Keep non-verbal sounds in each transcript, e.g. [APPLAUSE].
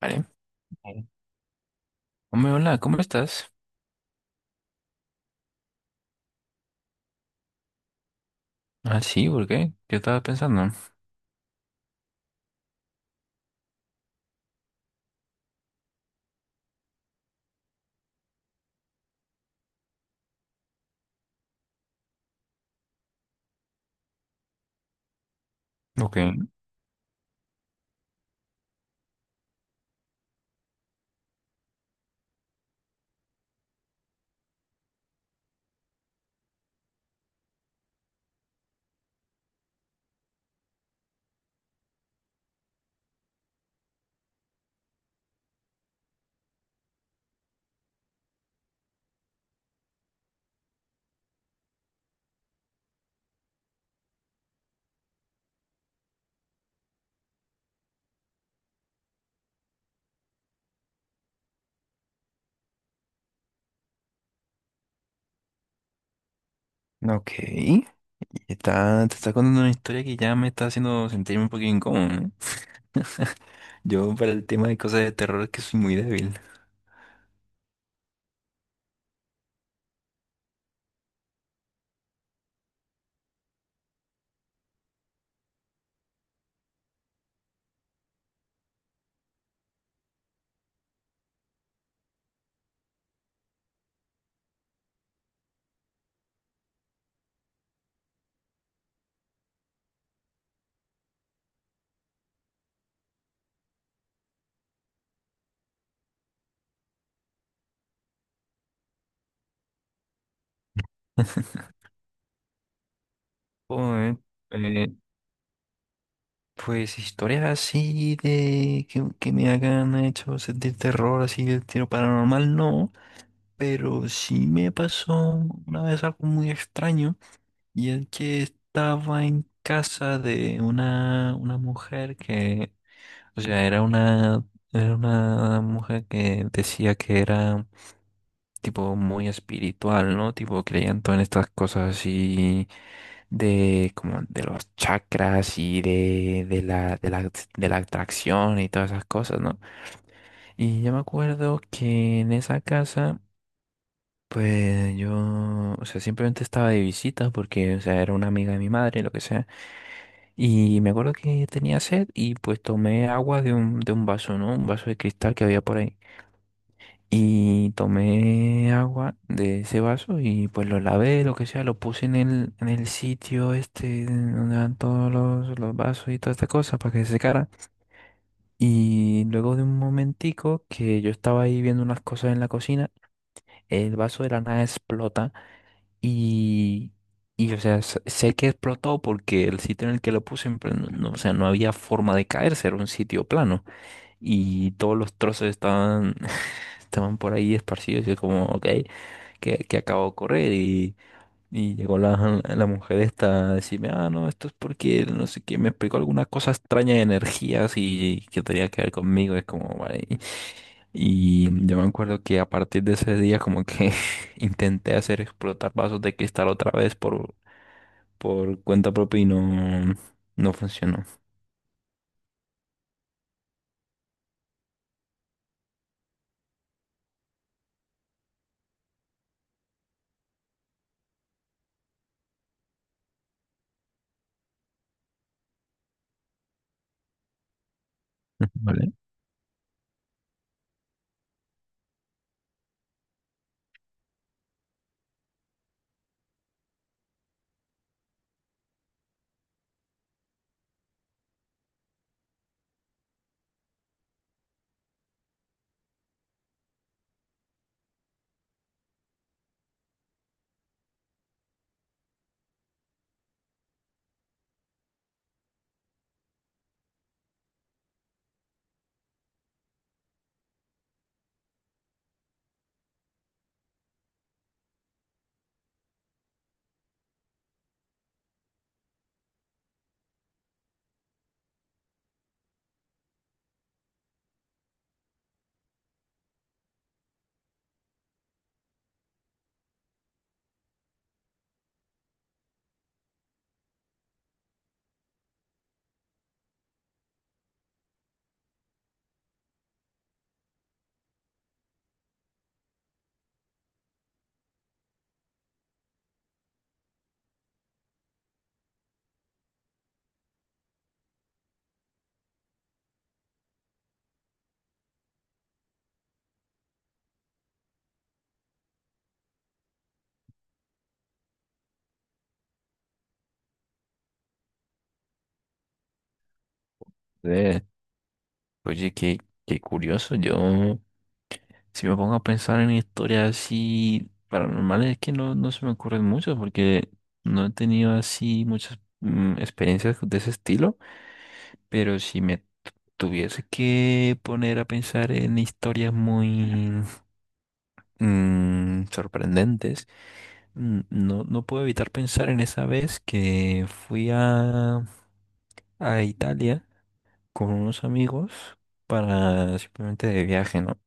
Vale. Vale. Hombre, hola, ¿cómo estás? Ah, sí, ¿por qué? Yo estaba pensando. Ok. Ok. Y está, te está contando una historia que ya me está haciendo sentirme un poquito incómodo, ¿no? Yo para el tema de cosas de terror es que soy muy débil. Joder, eh, pues historias así que me hagan hecho sentir terror, así de tiro paranormal, no. Pero sí me pasó una vez algo muy extraño. Y es que estaba en casa de una mujer que, o sea, era una, era una mujer que decía que era tipo muy espiritual, ¿no? Tipo creían todas estas cosas así de como de los chakras y de la atracción y todas esas cosas, ¿no? Y yo me acuerdo que en esa casa, pues yo, o sea, simplemente estaba de visita porque, o sea, era una amiga de mi madre, lo que sea. Y me acuerdo que tenía sed y pues tomé agua de de un vaso, ¿no? Un vaso de cristal que había por ahí. Y tomé agua de ese vaso y pues lo lavé, lo que sea, lo puse en en el sitio este donde van los vasos y toda esta cosa para que se secara. Y luego de un momentico que yo estaba ahí viendo unas cosas en la cocina, el vaso de la nada explota y, y o sea, sé que explotó porque el sitio en el que lo puse, en plan, no, no, o sea, no había forma de caerse, era un sitio plano. Y todos los trozos estaban, [LAUGHS] estaban por ahí esparcidos. Y yo como, ok, ¿qué, qué acabo de ocurrir? Y llegó la mujer esta a decirme, ah, no, esto es porque, no sé qué, me explicó alguna cosa extraña de energías y, que tenía que ver conmigo. Es como, vale. Y yo me acuerdo que a partir de ese día como que [LAUGHS] intenté hacer explotar vasos de cristal otra vez por cuenta propia y no, no funcionó. [LAUGHS] ¿Vale? Eh, oye, qué curioso. Yo, si me pongo a pensar en historias así paranormales, es que no, no se me ocurren muchas porque no he tenido así muchas experiencias de ese estilo. Pero si me tuviese que poner a pensar en historias muy sorprendentes, no, no puedo evitar pensar en esa vez que fui a Italia con unos amigos para simplemente de viaje, ¿no?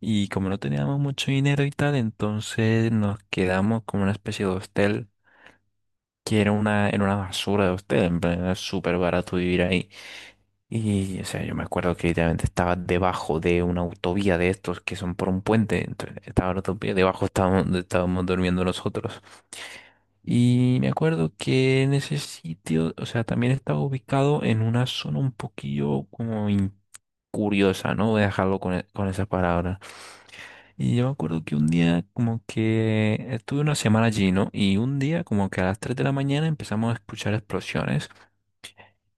Y como no teníamos mucho dinero y tal, entonces nos quedamos como una especie de hostel que era era una basura de hostel, en plan, era súper barato vivir ahí. Y, o sea, yo me acuerdo que literalmente estaba debajo de una autovía de estos que son por un puente, entonces estaba la autovía, debajo estábamos, donde estábamos durmiendo nosotros. Y me acuerdo que en ese sitio, o sea, también estaba ubicado en una zona un poquillo como curiosa, ¿no? Voy a dejarlo con, con esas palabras. Y yo me acuerdo que un día como que estuve una semana allí, ¿no? Y un día como que a las 3 de la mañana empezamos a escuchar explosiones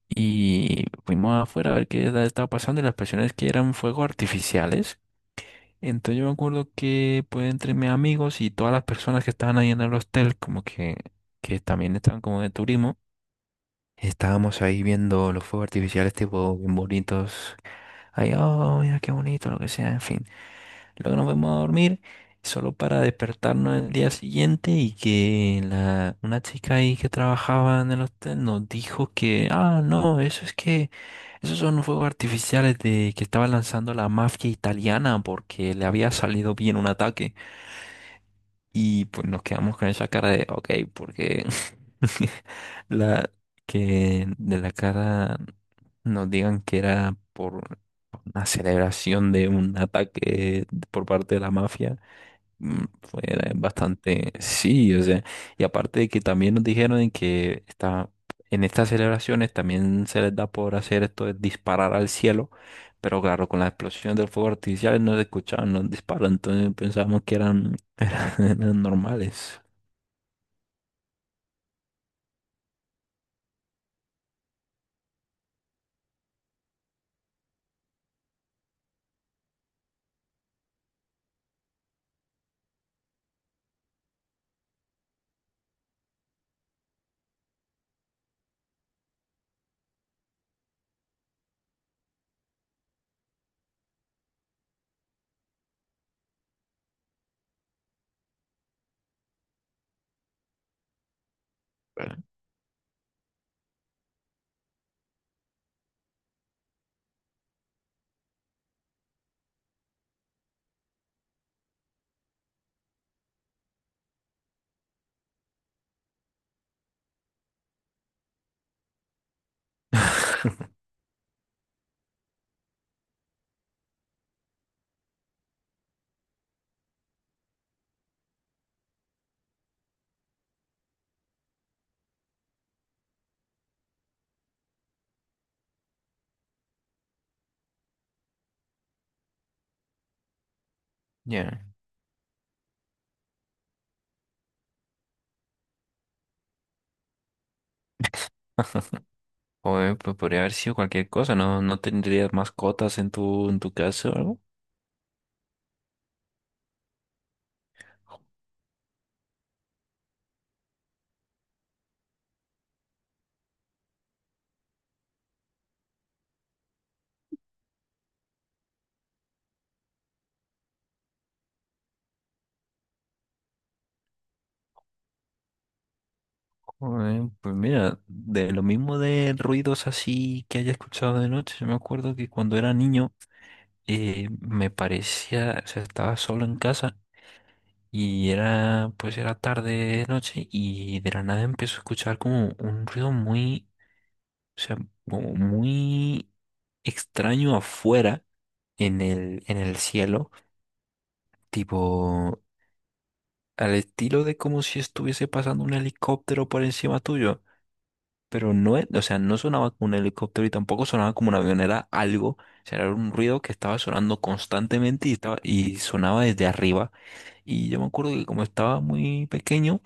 y fuimos afuera a ver estaba pasando y las explosiones que eran fuegos artificiales. Entonces yo me acuerdo que pues entre mis amigos y todas las personas que estaban ahí en el hostel como que también estaban como de turismo, estábamos ahí viendo los fuegos artificiales tipo bien bonitos. Ahí, oh, mira qué bonito, lo que sea, en fin. Luego nos vamos a dormir solo para despertarnos el día siguiente y que una chica ahí que trabajaba en el hotel nos dijo que, ah, no, eso es que, esos son fuegos artificiales de que estaba lanzando la mafia italiana porque le había salido bien un ataque. Y pues nos quedamos con esa cara de, ok, porque [LAUGHS] la que de la cara nos digan que era por una celebración de un ataque por parte de la mafia fue bastante sí, o sea, y aparte de que también nos dijeron en estas celebraciones también se les da por hacer esto de disparar al cielo, pero claro, con la explosión del fuego artificial no se escuchaban los disparos, entonces pensábamos que eran, [LAUGHS] eran normales. Claro. Ya. [LAUGHS] O pues podría haber sido cualquier cosa, ¿no? ¿No tendrías mascotas en en tu casa o algo? Joder, pues mira, de lo mismo de ruidos así que haya escuchado de noche, yo me acuerdo que cuando era niño, me parecía, o sea, estaba solo en casa y era, pues era tarde, noche y de la nada empezó a escuchar como un ruido muy, o sea, como muy extraño afuera en en el cielo, tipo al estilo de como si estuviese pasando un helicóptero por encima tuyo. Pero no, o sea, no sonaba como un helicóptero y tampoco sonaba como una avionera algo, o sea, era un ruido que estaba sonando constantemente y estaba, y sonaba desde arriba. Y yo me acuerdo que como estaba muy pequeño,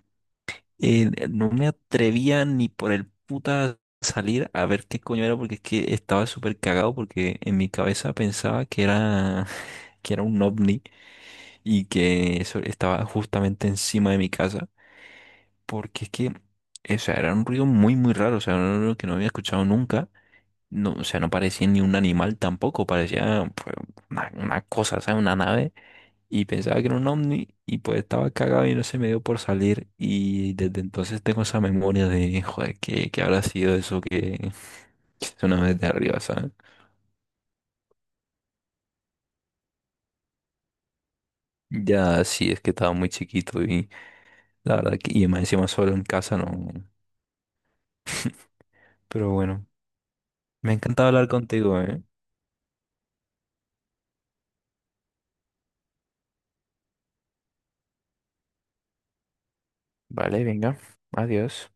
no me atrevía ni por el puta salir a ver qué coño era porque es que estaba súper cagado porque en mi cabeza pensaba que era [LAUGHS] que era un ovni y que eso estaba justamente encima de mi casa porque es que, o sea, era un ruido muy muy raro, o sea, un ruido que no había escuchado nunca, no, o sea, no parecía ni un animal tampoco, parecía pues, una cosa, ¿sabes? Una nave. Y pensaba que era un ovni y pues estaba cagado y no se me dio por salir. Y desde entonces tengo esa memoria de, joder, ¿qué, qué habrá sido eso que es una vez de arriba, ¿sabes? Ya sí, es que estaba muy chiquito y la verdad que, y más encima solo en casa no. [LAUGHS] Pero bueno, me ha encantado hablar contigo, ¿eh? Vale, venga, adiós.